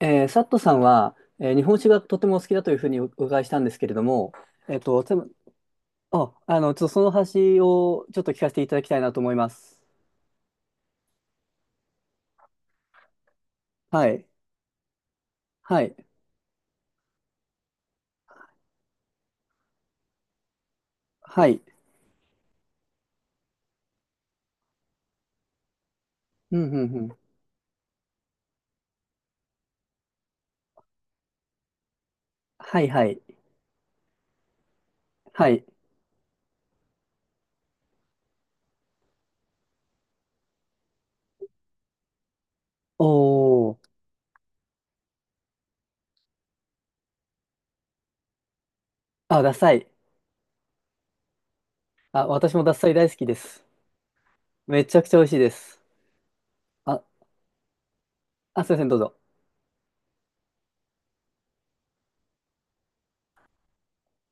サットさんは、日本史がとてもお好きだというふうにお伺いしたんですけれども、えっと、つまあ、あの、ちょっとその話をちょっと聞かせていただきたいなと思います。はい。はい。はい。うん、うん、うん。はい、はい。はい。おー。あ、ダサい。あ、私もダサい大好きです。めちゃくちゃ美味しいです。あ、あ、すいません、どうぞ。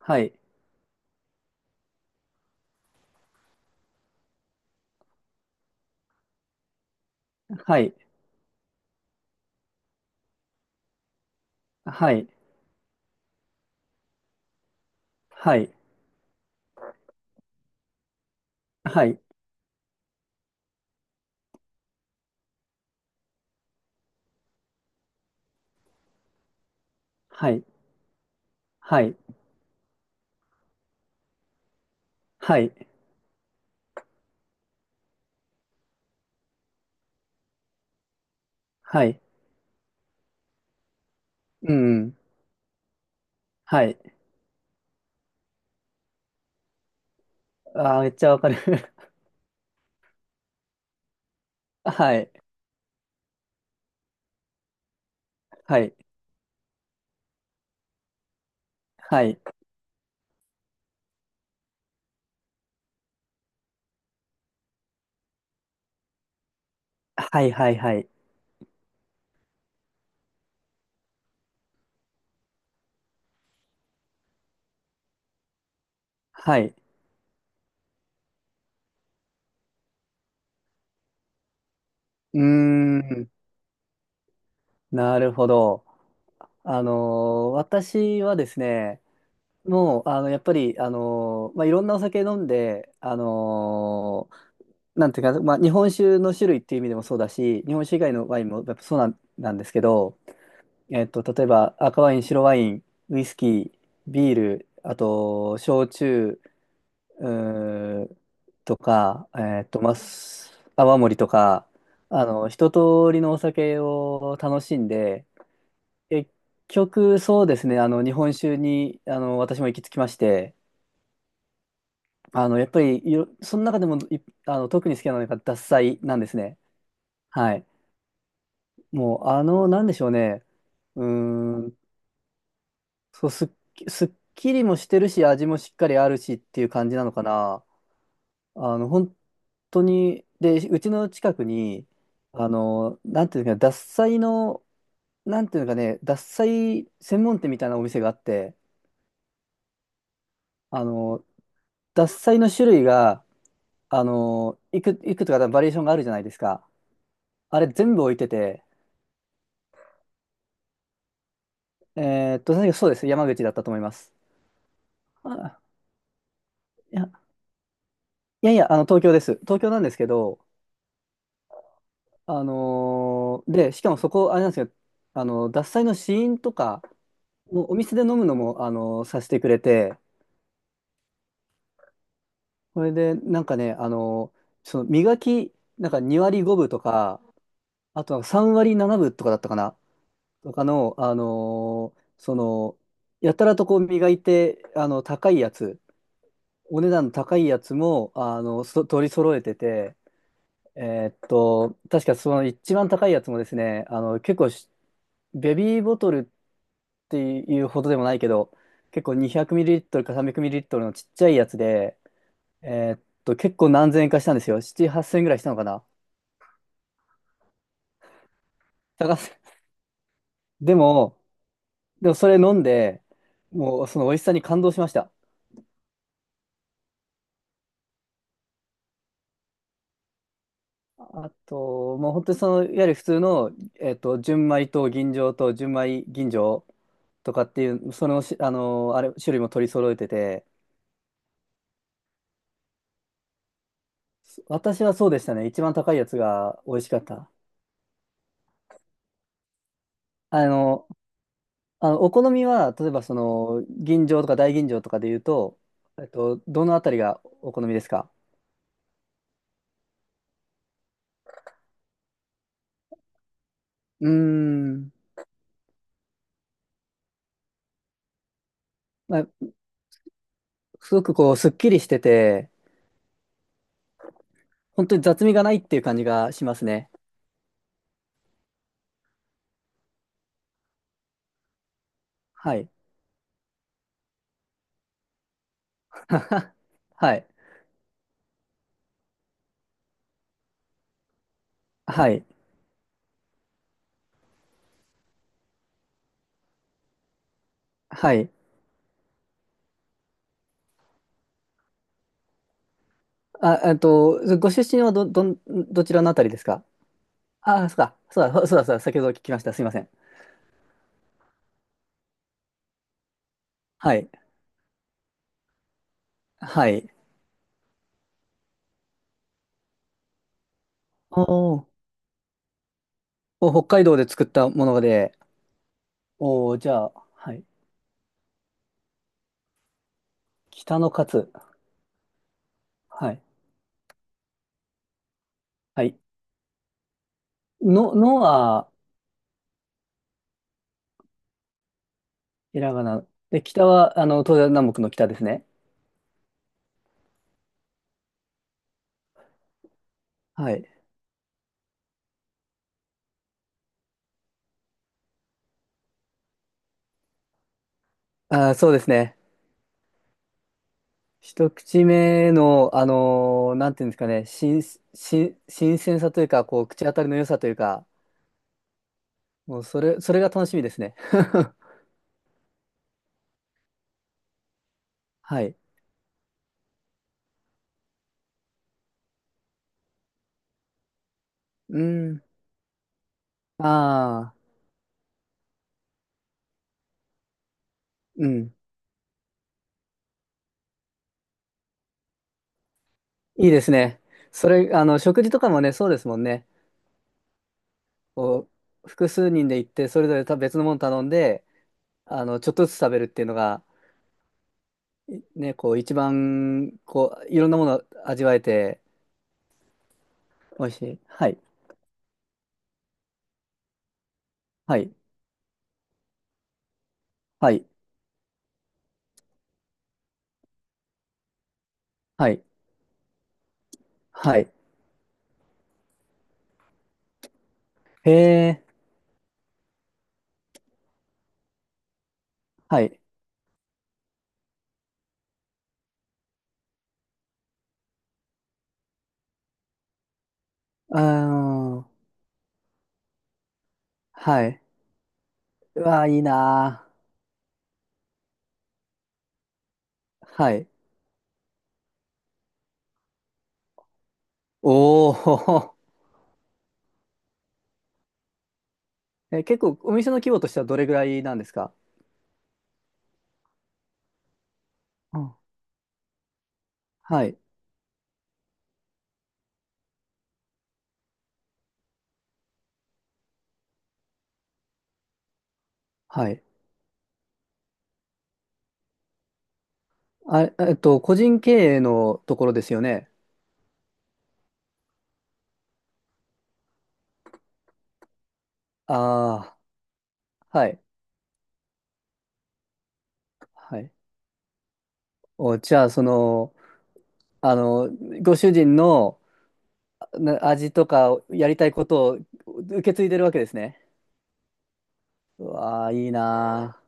はい。はい。はい。はい。はい。はい。はい。はい。はい。うん。はい。あー、めっちゃわかる。はい。はい。はい。はいはいはい。はい。うーん。なるほど。あの私はですね、もう、あの、やっぱり、まあ、いろんなお酒飲んで、なんていうか、まあ、日本酒の種類っていう意味でもそうだし、日本酒以外のワインもやっぱそうなん、なんですけど、えっと、例えば赤ワイン、白ワイン、ウイスキー、ビール、あと、焼酎、うーとか、ます泡盛とか、あの、一通りのお酒を楽しんで、結局そうですね、あの、日本酒に、あの、私も行き着きまして、あの、やっぱりいろ、その中でもい、あの、特に好きなのが獺祭なんですね。はい。もう、あの、なんでしょうね。うーん、そう、すっき、すっきりもしてるし、味もしっかりあるしっていう感じなのかな。あの、本当に、で、うちの近くに、あの、なんていうのかな、獺祭の、なんていうのかね、獺祭専門店みたいなお店があって、あの、獺祭の種類が、あの、いく、いくつかバリエーションがあるじゃないですか。あれ全部置いてて、えーっと、確かそうです。山口だったと思います。あ、いや、いやいや、あの、東京です。東京なんですけど、で、しかもそこ、あれなんですよ、あの、獺祭の試飲とか、もうお店で飲むのも、あの、させてくれて、それで、なんかね、あの、その磨き、なんか2割5分とか、あとは3割7分とかだったかな、とかの、あのその、やたらとこう磨いて、あの、高いやつ、お値段の高いやつも、あの、そ取り揃えてて、えーっと、確かその一番高いやつもですね、あの、結構し、ベビーボトルっていうほどでもないけど、結構 200ml か 300ml のちっちゃいやつで、えーっと、結構何千円かしたんですよ。7、8000円ぐらいしたのかな。高す でも、でもそれ飲んで、もうその美味しさに感動しました。あと、もう本当にその、いわゆる普通の、えっと、純米と吟醸と純米吟醸とかっていう、そのし、あの、あれ、種類も取り揃えてて、私はそうでしたね。一番高いやつが美味しかった。あの、あのお好みは、例えばその、吟醸とか大吟醸とかで言うと、えっと、どのあたりがお好みですか？うーん。まあすごくこう、すっきりしてて、本当に雑味がないっていう感じがしますね。はい。はい。はい。はい。あ、えっと、ご出身はど、どん、どちらのあたりですか？ああ、そうか。そうだ、そうだ、そうだ、先ほど聞きました。すいません。はい。はい。おーお、北海道で作ったもので、おお、じゃあ、はい。北のカツ。はい。はい。の、のは、ひらがな。で、北は、あの、東西南北の北ですね。はい。あー、そうですね。一口目の、なんていうんですかね、新、新、新鮮さというか、こう、口当たりの良さというか、もう、それ、それが楽しみですね。はい。うん。ああ、うん。いいですね。それ、あの、食事とかもね、そうですもんね。こう、複数人で行って、それぞれた別のもの頼んで、あの、ちょっとずつ食べるっていうのが、いね、こう、一番、こう、いろんなもの味わえて、美味しい。はい。はい。はい。はい。はい。へえ。はい。うーん。はい。うわ、いいなー。はい。おお。え、結構お店の規模としてはどれぐらいなんですか？うん。はい。はい。あ、えっと、個人経営のところですよね。ああ、はい。はい。お、じゃあ、その、あの、ご主人のな味とかやりたいことを受け継いでるわけですね。うわー、いいな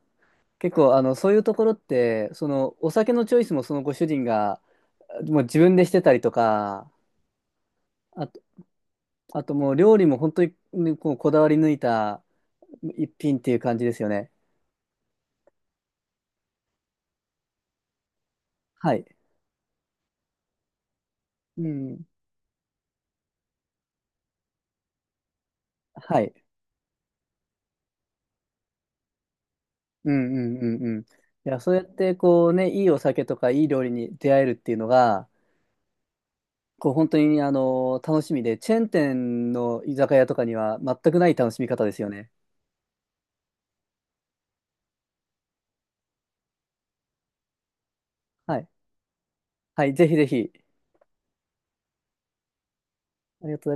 結構、あの、そういうところって、その、お酒のチョイスもそのご主人が、もう自分でしてたりとか、あと、あともう料理も本当にこうこだわり抜いた一品っていう感じですよね。はい。うん。はい。うんうんうんうん。いや、そうやってこうね、いいお酒とかいい料理に出会えるっていうのが、こう本当にあの、楽しみで、チェーン店の居酒屋とかには全くない楽しみ方ですよね。はい。はい、ぜひぜひ。ありがとうございます。